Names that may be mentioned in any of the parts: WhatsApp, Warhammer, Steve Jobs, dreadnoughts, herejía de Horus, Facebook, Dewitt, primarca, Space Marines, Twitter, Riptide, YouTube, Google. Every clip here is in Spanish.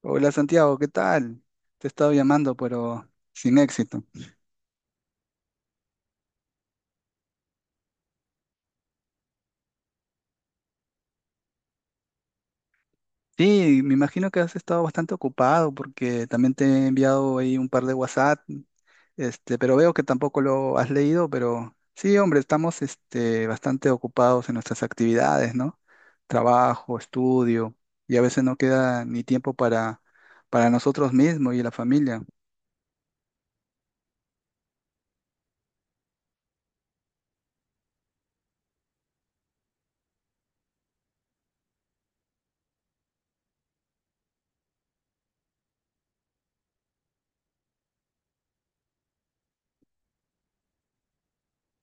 Hola Santiago, ¿qué tal? Te he estado llamando, pero sin éxito. Sí, me imagino que has estado bastante ocupado porque también te he enviado ahí un par de WhatsApp, pero veo que tampoco lo has leído, pero sí, hombre, estamos bastante ocupados en nuestras actividades, ¿no? Trabajo, estudio, y a veces no queda ni tiempo para nosotros mismos y la familia.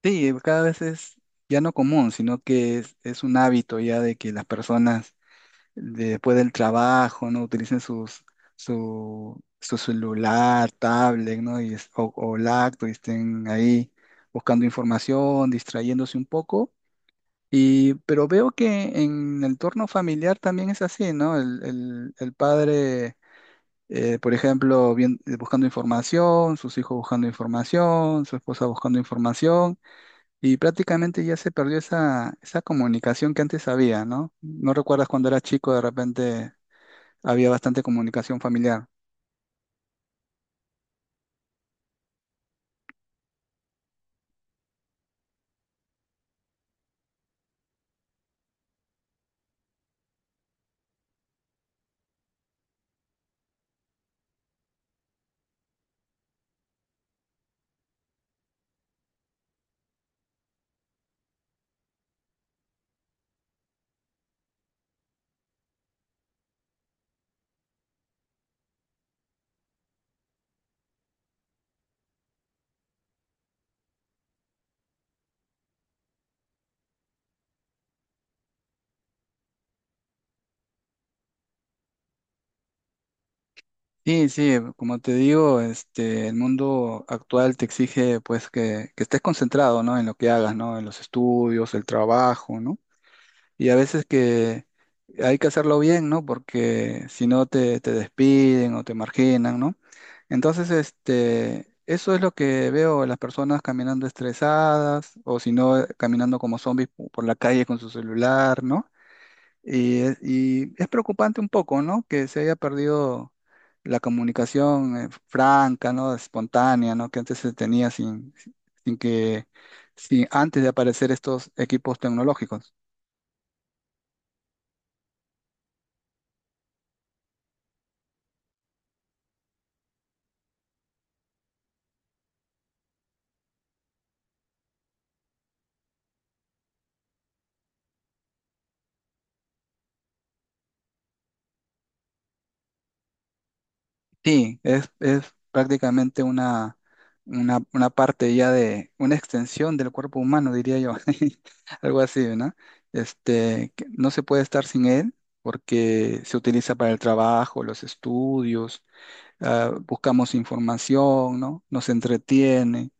Sí, cada vez es ya no común, sino que es un hábito ya de que las personas después del trabajo, ¿no? Utilicen su celular, tablet, ¿no? Y, o laptop y estén ahí buscando información, distrayéndose un poco. Y, pero veo que en el entorno familiar también es así, ¿no? El padre, por ejemplo, buscando información, sus hijos buscando información, su esposa buscando información, y prácticamente ya se perdió esa comunicación que antes había, ¿no? ¿No recuerdas cuando era chico de repente había bastante comunicación familiar? Sí, sí, como te digo, el mundo actual te exige pues que estés concentrado, ¿no? En lo que hagas, ¿no? En los estudios, el trabajo, ¿no? Y a veces que hay que hacerlo bien, ¿no? Porque si no te despiden o te marginan, ¿no? Entonces, eso es lo que veo, las personas caminando estresadas o si no, caminando como zombies por la calle con su celular, ¿no? Y, y es preocupante un poco, ¿no? Que se haya perdido la comunicación franca, ¿no? Espontánea, ¿no? Que antes se tenía sin que, sin, antes de aparecer estos equipos tecnológicos. Sí, es prácticamente una parte ya de, una extensión del cuerpo humano, diría yo. Algo así, ¿no? Que no se puede estar sin él porque se utiliza para el trabajo, los estudios, ah, buscamos información, ¿no? Nos entretiene.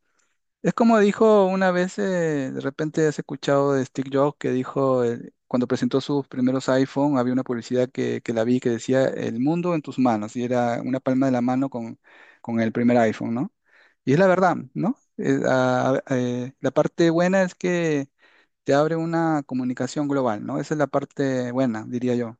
Es como dijo una vez, de repente has escuchado de Steve Jobs que dijo, cuando presentó sus primeros iPhone, había una publicidad que la vi que decía, el mundo en tus manos, y era una palma de la mano con el primer iPhone, ¿no? Y es la verdad, ¿no? La parte buena es que te abre una comunicación global, ¿no? Esa es la parte buena, diría yo.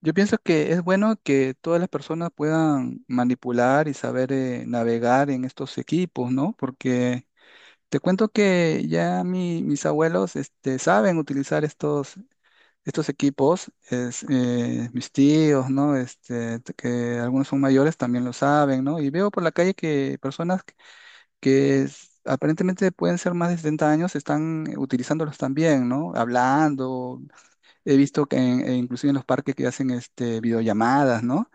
Yo pienso que es bueno que todas las personas puedan manipular y saber navegar en estos equipos, ¿no? Porque te cuento que ya mis abuelos saben utilizar estos equipos, es, mis tíos, ¿no? Que algunos son mayores también lo saben, ¿no? Y veo por la calle que personas que aparentemente pueden ser más de 70 años están utilizándolos también, ¿no? Hablando, he visto que e inclusive en los parques que hacen videollamadas, ¿no?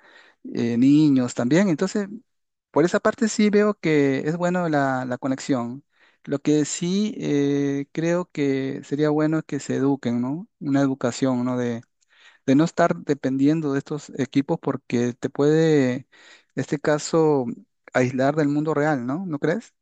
Niños también. Entonces, por esa parte sí veo que es bueno la conexión. Lo que sí, creo que sería bueno es que se eduquen, ¿no? Una educación, ¿no? De no estar dependiendo de estos equipos porque te puede, en este caso, aislar del mundo real, ¿no? ¿No crees?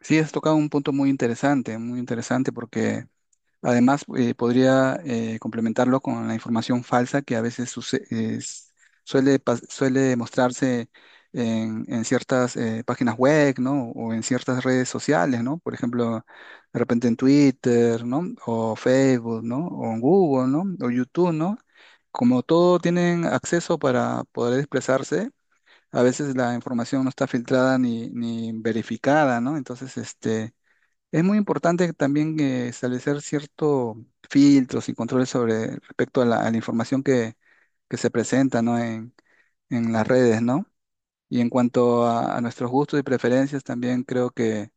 Sí, has tocado un punto muy interesante porque además, podría complementarlo con la información falsa que a veces suele mostrarse en ciertas páginas web, ¿no? O en ciertas redes sociales, ¿no? Por ejemplo, de repente en Twitter, ¿no? O Facebook, ¿no? O en Google, ¿no? O YouTube, ¿no? Como todo tienen acceso para poder expresarse, a veces la información no está filtrada ni verificada, ¿no? Entonces, este, es muy importante también establecer ciertos filtros y controles sobre respecto a a la información que se presenta, ¿no? En las redes, ¿no? Y en cuanto a nuestros gustos y preferencias, también creo que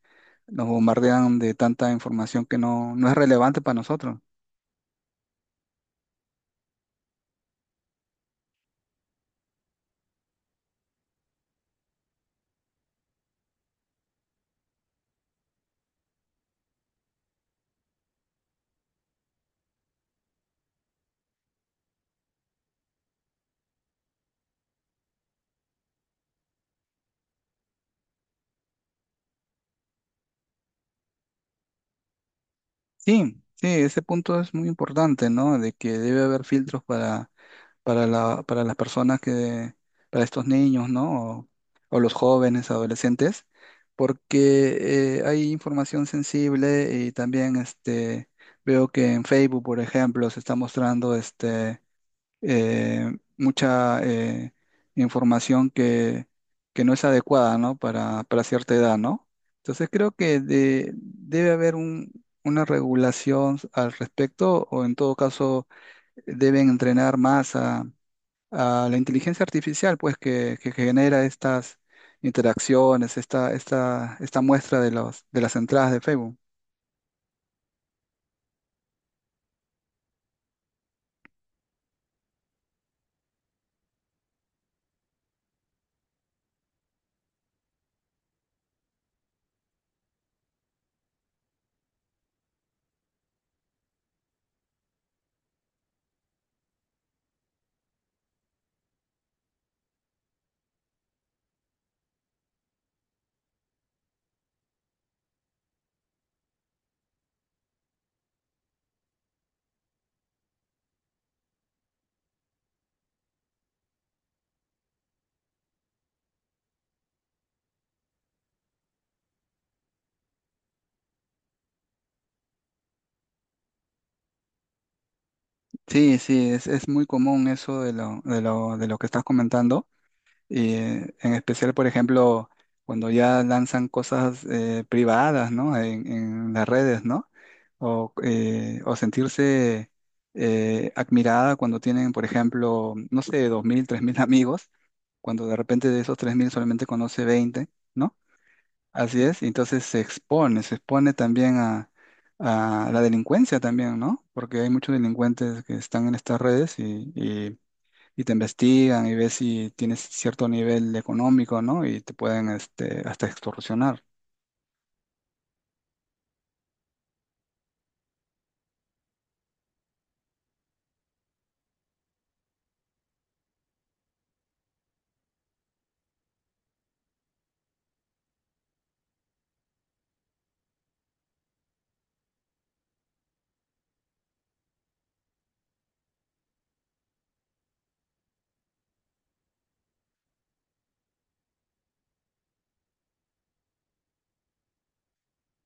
nos bombardean de tanta información que no es relevante para nosotros. Sí, sí, ese punto es muy importante, ¿no? De que debe haber filtros para para las personas para estos niños, ¿no? O los jóvenes, adolescentes, porque hay información sensible y también este, veo que en Facebook, por ejemplo, se está mostrando mucha información que no es adecuada, ¿no? Para cierta edad, ¿no? Entonces creo que debe haber una regulación al respecto o en todo caso deben entrenar más a la inteligencia artificial, pues, que genera estas interacciones, esta muestra de los, de las entradas de Facebook. Sí, sí, es muy común eso de de lo que estás comentando. Y en especial, por ejemplo, cuando ya lanzan cosas privadas, ¿no? En las redes, ¿no? O sentirse admirada cuando tienen, por ejemplo, no sé, 2.000, 3.000 amigos, cuando de repente de esos 3.000 solamente conoce 20, ¿no? Así es, y entonces se expone también a la delincuencia también, ¿no? Porque hay muchos delincuentes que están en estas redes y te investigan y ves si tienes cierto nivel económico, ¿no? Y te pueden hasta extorsionar.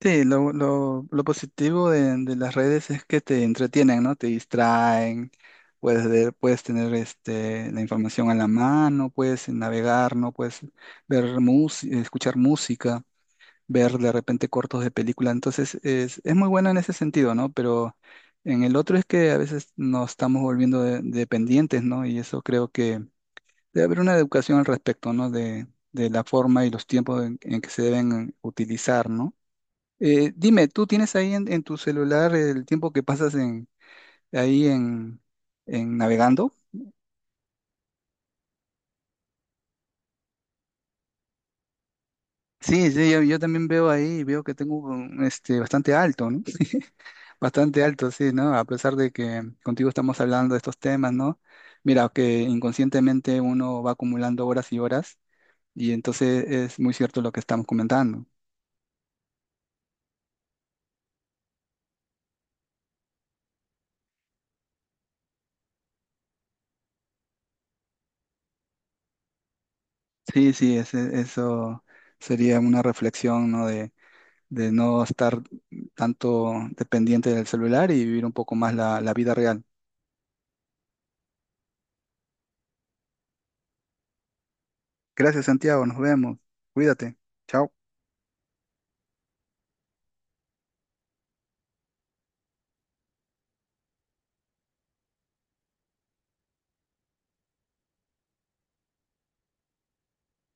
Sí, lo positivo de las redes es que te entretienen, ¿no? Te distraen, puedes ver, puedes tener la información a la mano, puedes navegar, ¿no? Puedes ver música, escuchar música, ver de repente cortos de película. Entonces es muy bueno en ese sentido, ¿no? Pero en el otro es que a veces nos estamos volviendo dependientes, ¿no? Y eso creo que debe haber una educación al respecto, ¿no? De la forma y los tiempos en que se deben utilizar, ¿no? Dime, ¿tú tienes ahí en tu celular el tiempo que pasas ahí en, en navegando? Sí, sí, yo también veo ahí, veo que tengo bastante alto, ¿no? Bastante alto, sí, ¿no? A pesar de que contigo estamos hablando de estos temas, ¿no? Mira, que inconscientemente uno va acumulando horas y horas y entonces es muy cierto lo que estamos comentando. Sí, sí, eso sería una reflexión, ¿no? De no estar tanto dependiente del celular y vivir un poco más la vida real. Gracias, Santiago, nos vemos. Cuídate. Chao.